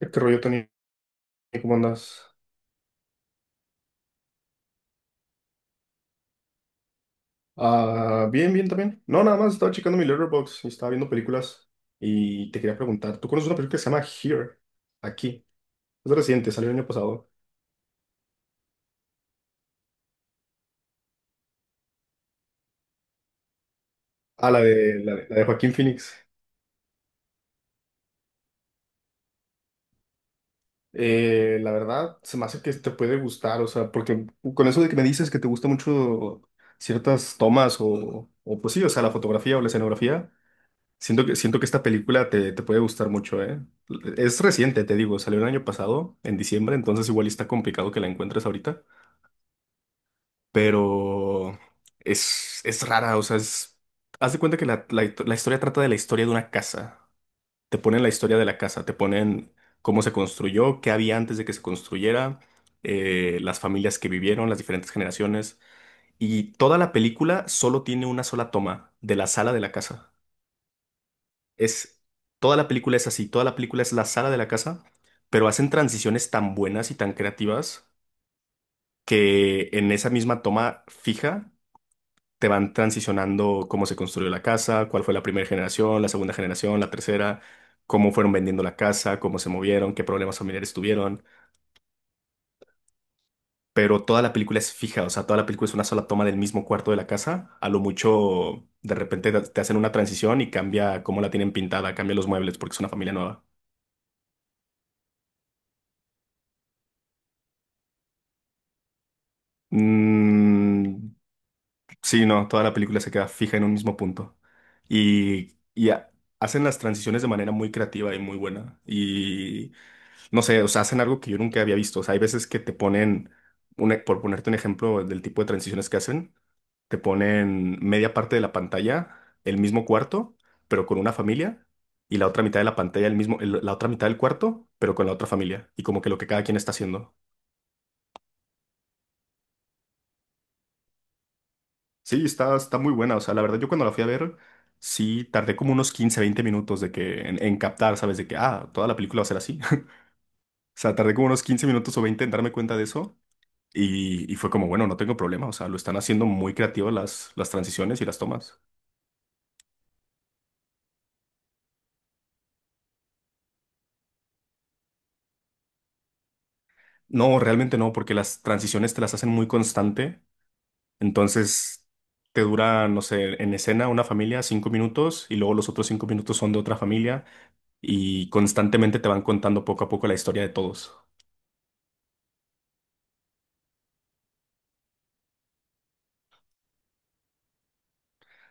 ¿Qué rollo, Tony? ¿Cómo andas? Ah, bien, bien también. No, nada más estaba checando mi Letterboxd y estaba viendo películas y te quería preguntar, ¿tú conoces una película que se llama Here? Aquí. Es reciente, salió el año pasado. Ah, la de Joaquín Phoenix. La verdad, se me hace que te puede gustar, o sea, porque con eso de que me dices que te gusta mucho ciertas tomas o pues sí, o sea, la fotografía o la escenografía. Siento que esta película te puede gustar mucho, ¿eh? Es reciente, te digo, salió el año pasado, en diciembre, entonces igual está complicado que la encuentres ahorita, pero es rara, o sea, es... Haz de cuenta que la historia trata de la historia de una casa. Te ponen la historia de la casa, te ponen cómo se construyó, qué había antes de que se construyera, las familias que vivieron, las diferentes generaciones, y toda la película solo tiene una sola toma de la sala de la casa. Es, toda la película es así, toda la película es la sala de la casa, pero hacen transiciones tan buenas y tan creativas que en esa misma toma fija te van transicionando cómo se construyó la casa, cuál fue la primera generación, la segunda generación, la tercera, cómo fueron vendiendo la casa, cómo se movieron, qué problemas familiares tuvieron. Pero toda la película es fija, o sea, toda la película es una sola toma del mismo cuarto de la casa. A lo mucho, de repente te hacen una transición y cambia cómo la tienen pintada, cambia los muebles porque es una familia nueva. Mm. Sí, no, toda la película se queda fija en un mismo punto. Y, y ha- Hacen las transiciones de manera muy creativa y muy buena. Y no sé, o sea, hacen algo que yo nunca había visto. O sea, hay veces que te ponen, por ponerte un ejemplo del tipo de transiciones que hacen, te ponen media parte de la pantalla, el mismo cuarto, pero con una familia, y la otra mitad de la pantalla, la otra mitad del cuarto, pero con la otra familia. Y como que lo que cada quien está haciendo. Sí, está, está muy buena. O sea, la verdad, yo cuando la fui a ver, sí, tardé como unos 15, 20 minutos de que, en captar, ¿sabes? De que, ah, toda la película va a ser así. O sea, tardé como unos 15 minutos o 20 en darme cuenta de eso. Y fue como, bueno, no tengo problema. O sea, lo están haciendo muy creativo las transiciones y las tomas. No, realmente no, porque las transiciones te las hacen muy constante. Entonces, te dura, no sé, en escena una familia cinco minutos y luego los otros cinco minutos son de otra familia y constantemente te van contando poco a poco la historia de todos.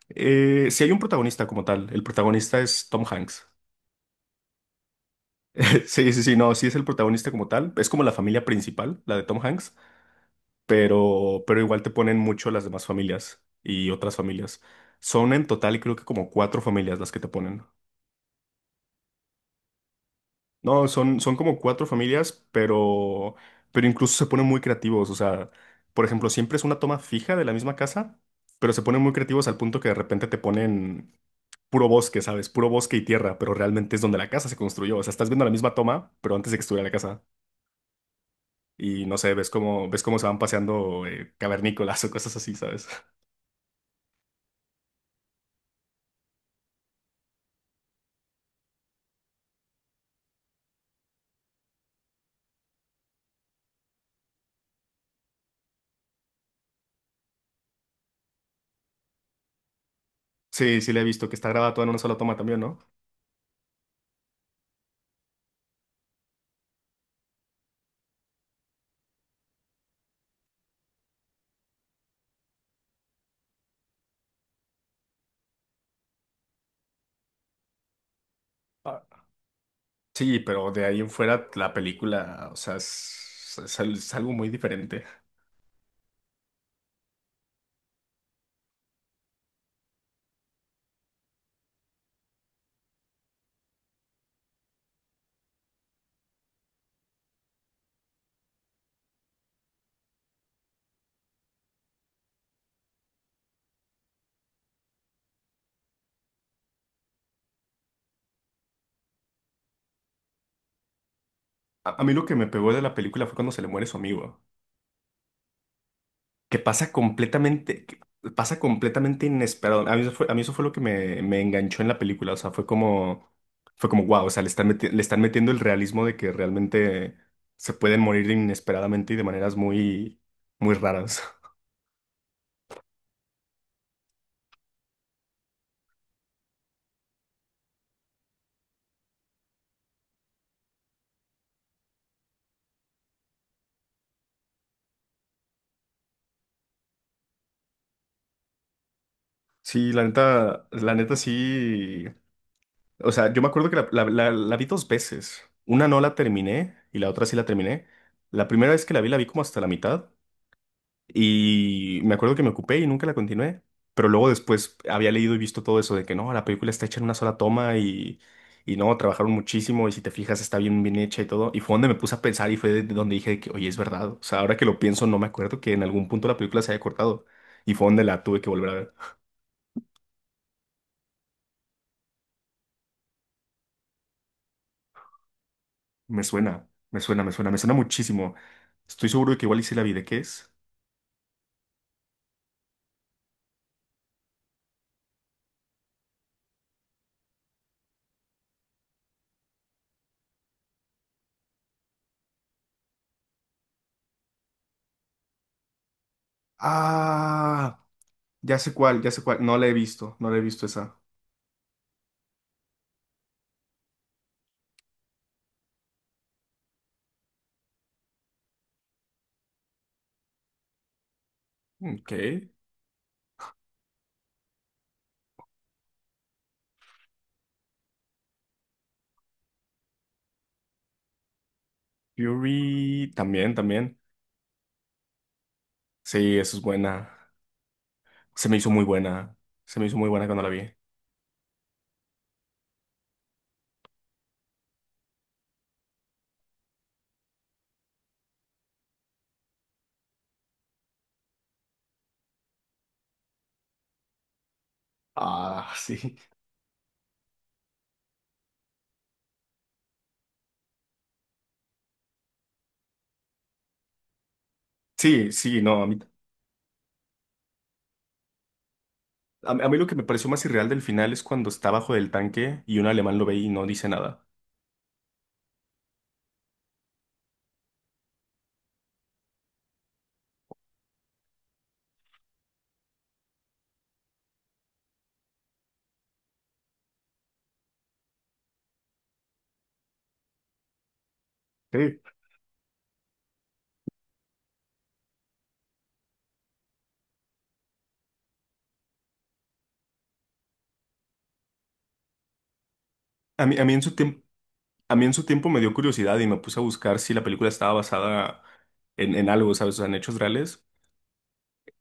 Si hay un protagonista como tal, el protagonista es Tom Hanks. Sí, sí, sí, no, sí es el protagonista como tal. Es como la familia principal, la de Tom Hanks, pero igual te ponen mucho las demás familias y otras familias. Son en total creo que como cuatro familias las que te ponen. No, son, son como cuatro familias, pero incluso se ponen muy creativos. O sea, por ejemplo, siempre es una toma fija de la misma casa, pero se ponen muy creativos al punto que de repente te ponen puro bosque, ¿sabes? Puro bosque y tierra, pero realmente es donde la casa se construyó. O sea, estás viendo la misma toma, pero antes de que estuviera la casa. Y no sé, ves cómo se van paseando cavernícolas o cosas así, ¿sabes? Sí, sí, le he visto que está grabada toda en una sola toma también, ¿no? Ah, sí, pero de ahí en fuera la película, o sea, es algo muy diferente. A mí lo que me pegó de la película fue cuando se le muere su amigo. Que pasa completamente inesperado. A mí eso fue, a mí eso fue lo que me enganchó en la película. O sea, fue como, wow, o sea, le están metiendo el realismo de que realmente se pueden morir inesperadamente y de maneras muy, muy raras. Sí, la neta sí. O sea, yo me acuerdo que la vi dos veces. Una no la terminé y la otra sí la terminé. La primera vez que la vi como hasta la mitad. Y me acuerdo que me ocupé y nunca la continué. Pero luego después había leído y visto todo eso de que no, la película está hecha en una sola toma y no, trabajaron muchísimo y si te fijas está bien, bien hecha y todo. Y fue donde me puse a pensar y fue de donde dije de que, oye, es verdad. O sea, ahora que lo pienso, no me acuerdo que en algún punto la película se haya cortado. Y fue donde la tuve que volver a ver. Me suena muchísimo. Estoy seguro de que igual hice la vi. ¿De qué es? Ah, ya sé cuál, ya sé cuál. No la he visto, no la he visto esa. Ok. Fury también, también. Sí, eso es buena. Se me hizo muy buena. Se me hizo muy buena cuando la vi. Ah, sí. Sí, sí, no. A mí, a mí lo que me pareció más irreal del final es cuando está bajo del tanque y un alemán lo ve y no dice nada. Sí. A mí en su tiempo, a mí en su tiempo me dio curiosidad y me puse a buscar si la película estaba basada en algo, ¿sabes? O sea, en hechos reales.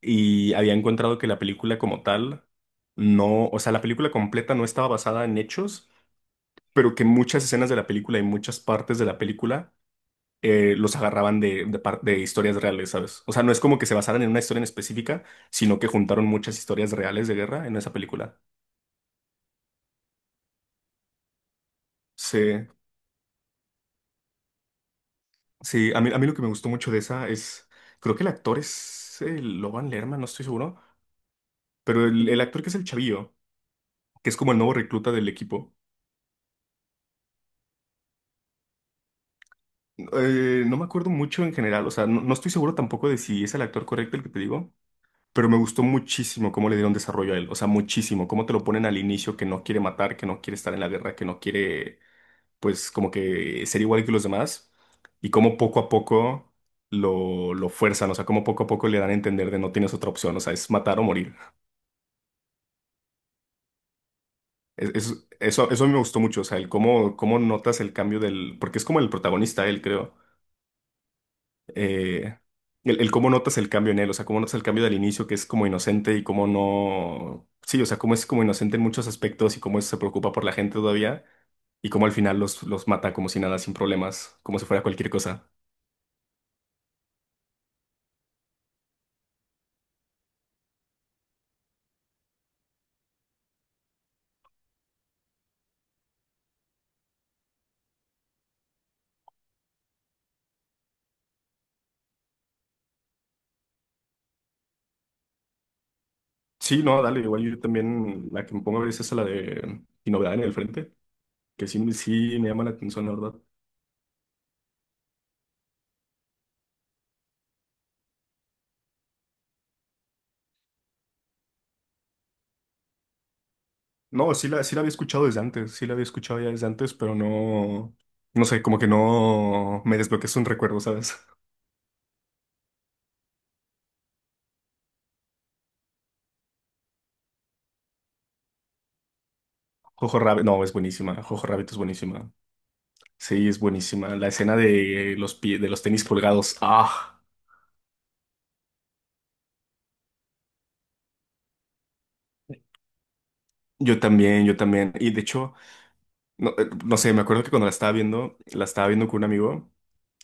Y había encontrado que la película como tal no, o sea, la película completa no estaba basada en hechos, pero que muchas escenas de la película y muchas partes de la película los agarraban de historias reales, ¿sabes? O sea, no es como que se basaran en una historia en específica, sino que juntaron muchas historias reales de guerra en esa película. Sí, sí, a mí lo que me gustó mucho de esa es, creo que el actor es Logan Lerman, no estoy seguro, pero el actor que es el chavillo, que es como el nuevo recluta del equipo. No me acuerdo mucho en general, o sea, no, no estoy seguro tampoco de si es el actor correcto el que te digo, pero me gustó muchísimo cómo le dieron desarrollo a él, o sea, muchísimo, cómo te lo ponen al inicio que no quiere matar, que no quiere estar en la guerra, que no quiere pues como que ser igual que los demás y cómo poco a poco lo fuerzan, o sea, cómo poco a poco le dan a entender de no tienes otra opción, o sea, es matar o morir. Eso, eso me gustó mucho, o sea, el cómo, cómo notas el cambio del, porque es como el protagonista, él creo, eh, el cómo notas el cambio en él, o sea, cómo notas el cambio del inicio que es como inocente y cómo no, sí, o sea, cómo es como inocente en muchos aspectos y cómo se preocupa por la gente todavía. Y cómo al final los mata como si nada, sin problemas, como si fuera cualquier cosa. Sí, no, dale, igual yo también la que me pongo a ver es esa, la de Sin Novedad en el Frente, que sí, sí me llama la atención, la verdad. No, sí la, sí la había escuchado desde antes, sí la había escuchado ya desde antes, pero no, no sé, como que no me desbloqueas un recuerdo, ¿sabes? Jojo Rabbit, no, es buenísima, Jojo Rabbit es buenísima, sí, es buenísima. La escena de los pies, de los tenis colgados, ah, yo también, yo también. Y de hecho, no, no sé, me acuerdo que cuando la estaba viendo con un amigo.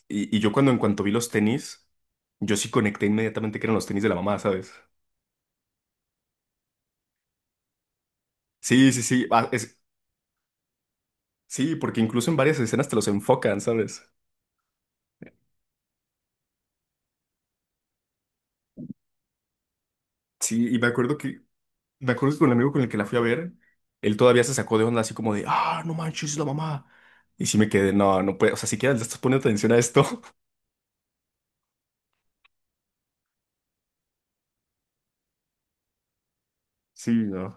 Y yo cuando en cuanto vi los tenis, yo sí conecté inmediatamente que eran los tenis de la mamá, ¿sabes? Sí, sí, sí. Ah, es, sí, porque incluso en varias escenas te los enfocan, ¿sabes? Sí, y me acuerdo que con el amigo con el que la fui a ver, él todavía se sacó de onda así como de, ah, no manches, es la mamá. Y sí me quedé, no, no puede, o sea, siquiera le estás poniendo atención a esto. Sí, no.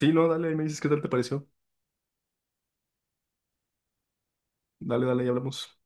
Sí, no, dale, ahí me dices qué tal te pareció. Dale, dale, y hablamos.